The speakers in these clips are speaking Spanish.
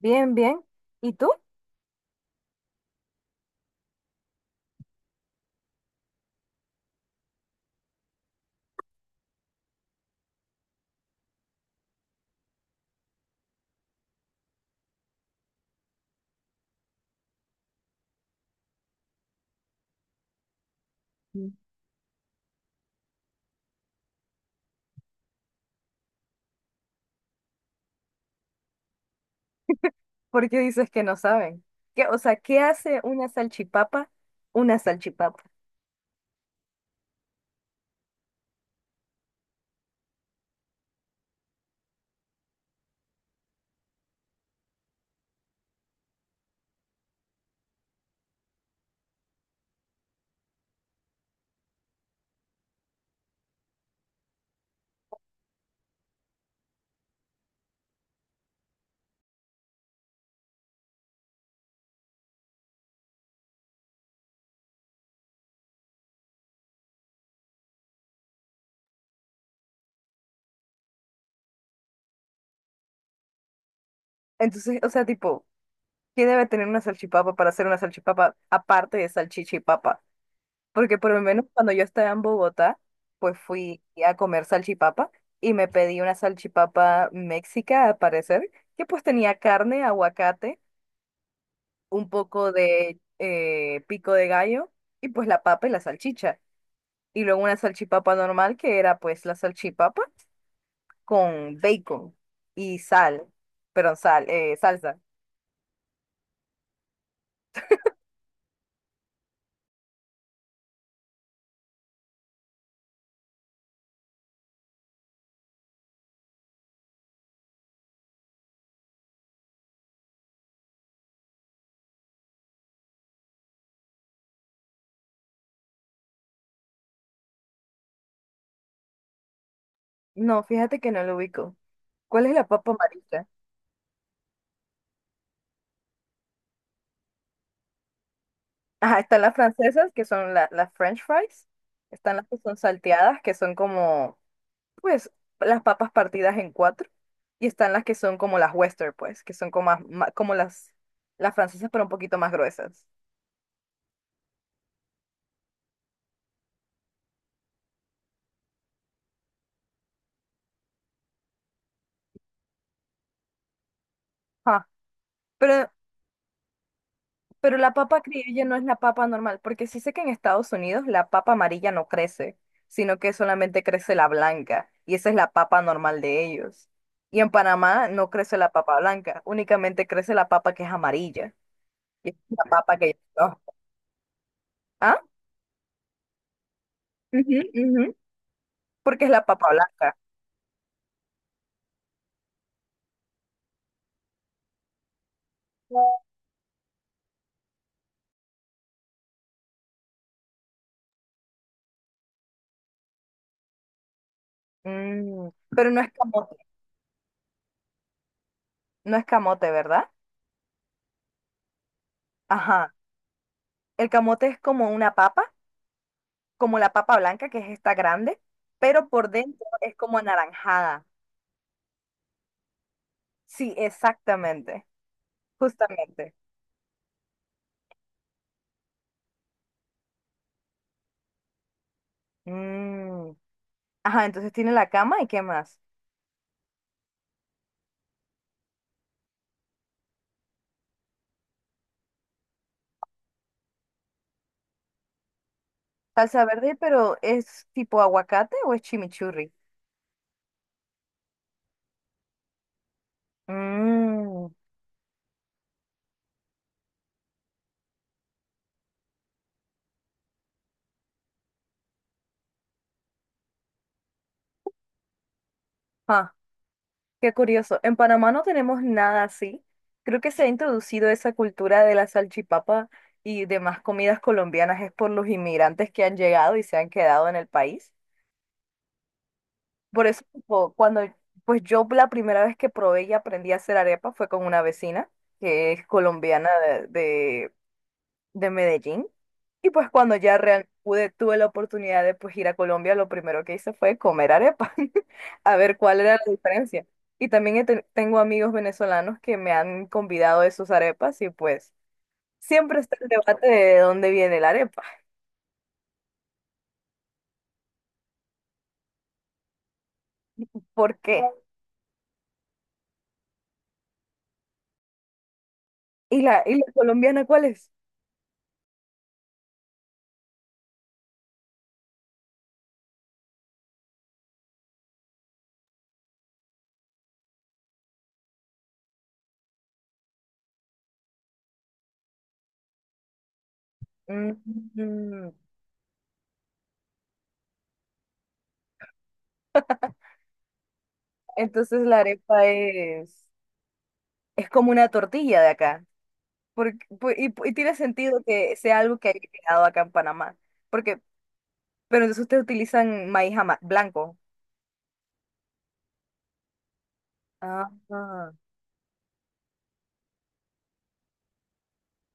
Bien, bien. ¿Y tú? Mm. ¿Por qué dices que no saben? ¿Qué, o sea, ¿qué hace una salchipapa? Una salchipapa. Entonces, o sea, tipo, ¿qué debe tener una salchipapa para hacer una salchipapa aparte de salchichipapa? Porque por lo menos cuando yo estaba en Bogotá, pues fui a comer salchipapa y me pedí una salchipapa méxica, al parecer, que pues tenía carne, aguacate, un poco de pico de gallo y pues la papa y la salchicha. Y luego una salchipapa normal que era pues la salchipapa con bacon y sal, perdón, sal, salsa. No, fíjate que no lo ubico. ¿Cuál es la papa amarilla? Ajá, están las francesas que son las French fries. Están las que son salteadas que son como pues las papas partidas en cuatro. Y están las que son como las Western pues, que son como, como las francesas pero un poquito más gruesas. Ajá. Pero Pero la papa criolla no es la papa normal, porque sí sé que en Estados Unidos la papa amarilla no crece, sino que solamente crece la blanca, y esa es la papa normal de ellos. Y en Panamá no crece la papa blanca, únicamente crece la papa que es amarilla, y esa es la papa que yo conozco. ¿Ah? Ujú, ujú. Porque es la papa blanca. Mm, pero no es camote, no es camote, ¿verdad? Ajá. El camote es como una papa, como la papa blanca, que es esta grande, pero por dentro es como anaranjada. Sí, exactamente, justamente. Mm, ajá, entonces tiene la cama y qué más. Salsa verde, pero ¿es tipo aguacate o es chimichurri? Mmm, ah, qué curioso. En Panamá no tenemos nada así. Creo que se ha introducido esa cultura de la salchipapa y demás comidas colombianas es por los inmigrantes que han llegado y se han quedado en el país. Por eso, tipo, cuando pues yo la primera vez que probé y aprendí a hacer arepa fue con una vecina que es colombiana de, de Medellín. Y pues cuando ya real pude, tuve la oportunidad de pues ir a Colombia, lo primero que hice fue comer arepa, a ver cuál era la diferencia. Y también he tengo amigos venezolanos que me han convidado de sus arepas y pues siempre está el debate de dónde viene la arepa, por qué. ¿Y y la colombiana cuál es? Mm, entonces la arepa es como una tortilla de acá, porque, y tiene sentido que sea algo que haya llegado acá en Panamá. Porque pero entonces ustedes utilizan maíz blanco. Ah, ah.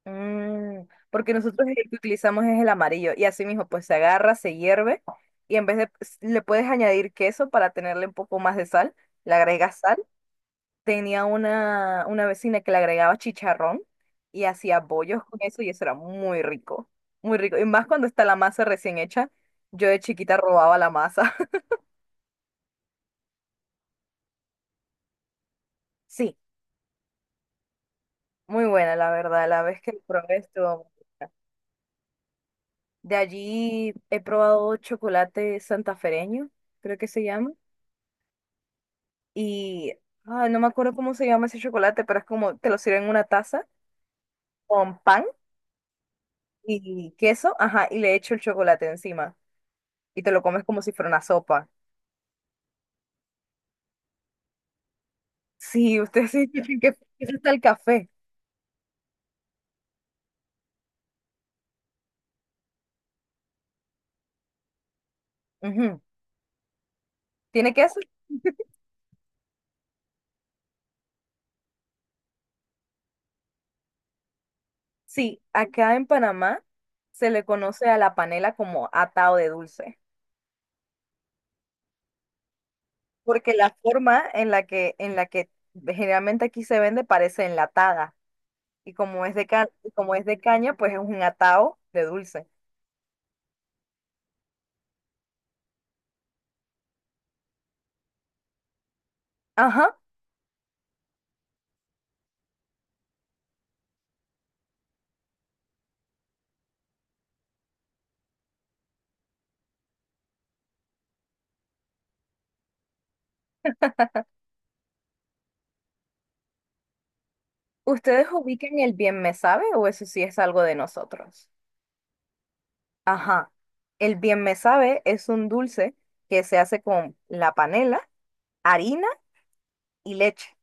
Mm, porque nosotros el que utilizamos es el amarillo y así mismo pues se agarra, se hierve y en vez de le puedes añadir queso para tenerle un poco más de sal, le agregas sal. Tenía una vecina que le agregaba chicharrón y hacía bollos con eso y eso era muy rico, muy rico. Y más cuando está la masa recién hecha, yo de chiquita robaba la masa. Sí, muy buena la verdad, la vez que lo probé estuvo. De allí he probado chocolate santafereño, creo que se llama. Y ah, no me acuerdo cómo se llama ese chocolate, pero es como te lo sirven en una taza con pan y queso, ajá, y le echo el chocolate encima. Y te lo comes como si fuera una sopa. Sí, ustedes sí dicen que eso está el café. Ujú. ¿Tiene queso? Sí, acá en Panamá se le conoce a la panela como atado de dulce, porque la forma en la que generalmente aquí se vende parece enlatada. Y como es de ca- y como es de caña, pues es un atao de dulce. Ajá. ¿Ustedes ubican el bien me sabe o eso sí es algo de nosotros? Ajá. El bien me sabe es un dulce que se hace con la panela, harina y leche.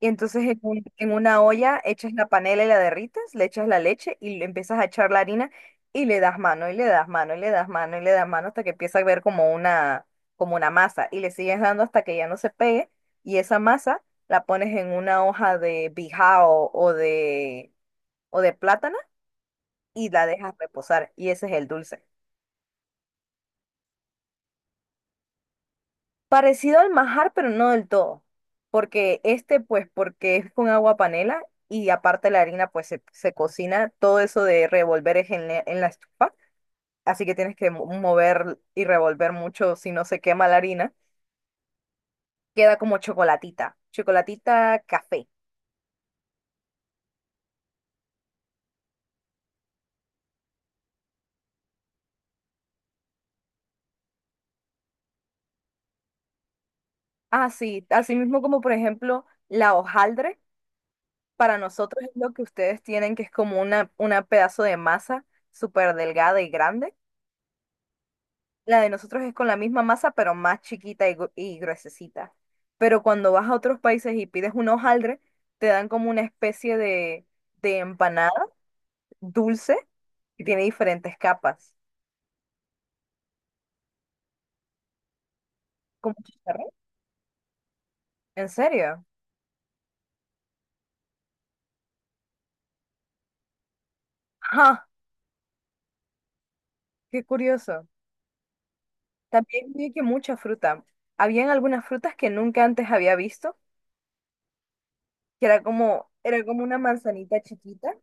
Y entonces en una olla echas la panela y la derrites, le echas la leche y le empiezas a echar la harina y le das mano y le das mano y le das mano y le das mano hasta que empieza a ver como como una masa y le sigues dando hasta que ya no se pegue y esa masa la pones en una hoja de bijao o de plátano y la dejas reposar y ese es el dulce. Parecido al majar, pero no del todo. Porque este, pues, porque es con agua panela y aparte la harina, pues, se cocina. Todo eso de revolver es en en la estufa. Así que tienes que mover y revolver mucho si no se quema la harina. Queda como chocolatita. Chocolatita café. Ah, sí, así mismo como, por ejemplo, la hojaldre. Para nosotros es lo que ustedes tienen, que es como una pedazo de masa súper delgada y grande. La de nosotros es con la misma masa, pero más chiquita y, gruesecita. Pero cuando vas a otros países y pides un hojaldre, te dan como una especie de empanada dulce que tiene diferentes capas. ¿Como chicharrón? ¿En serio? ¡Ja! ¡Qué curioso! También vi que mucha fruta. Habían algunas frutas que nunca antes había visto, que era como una manzanita chiquita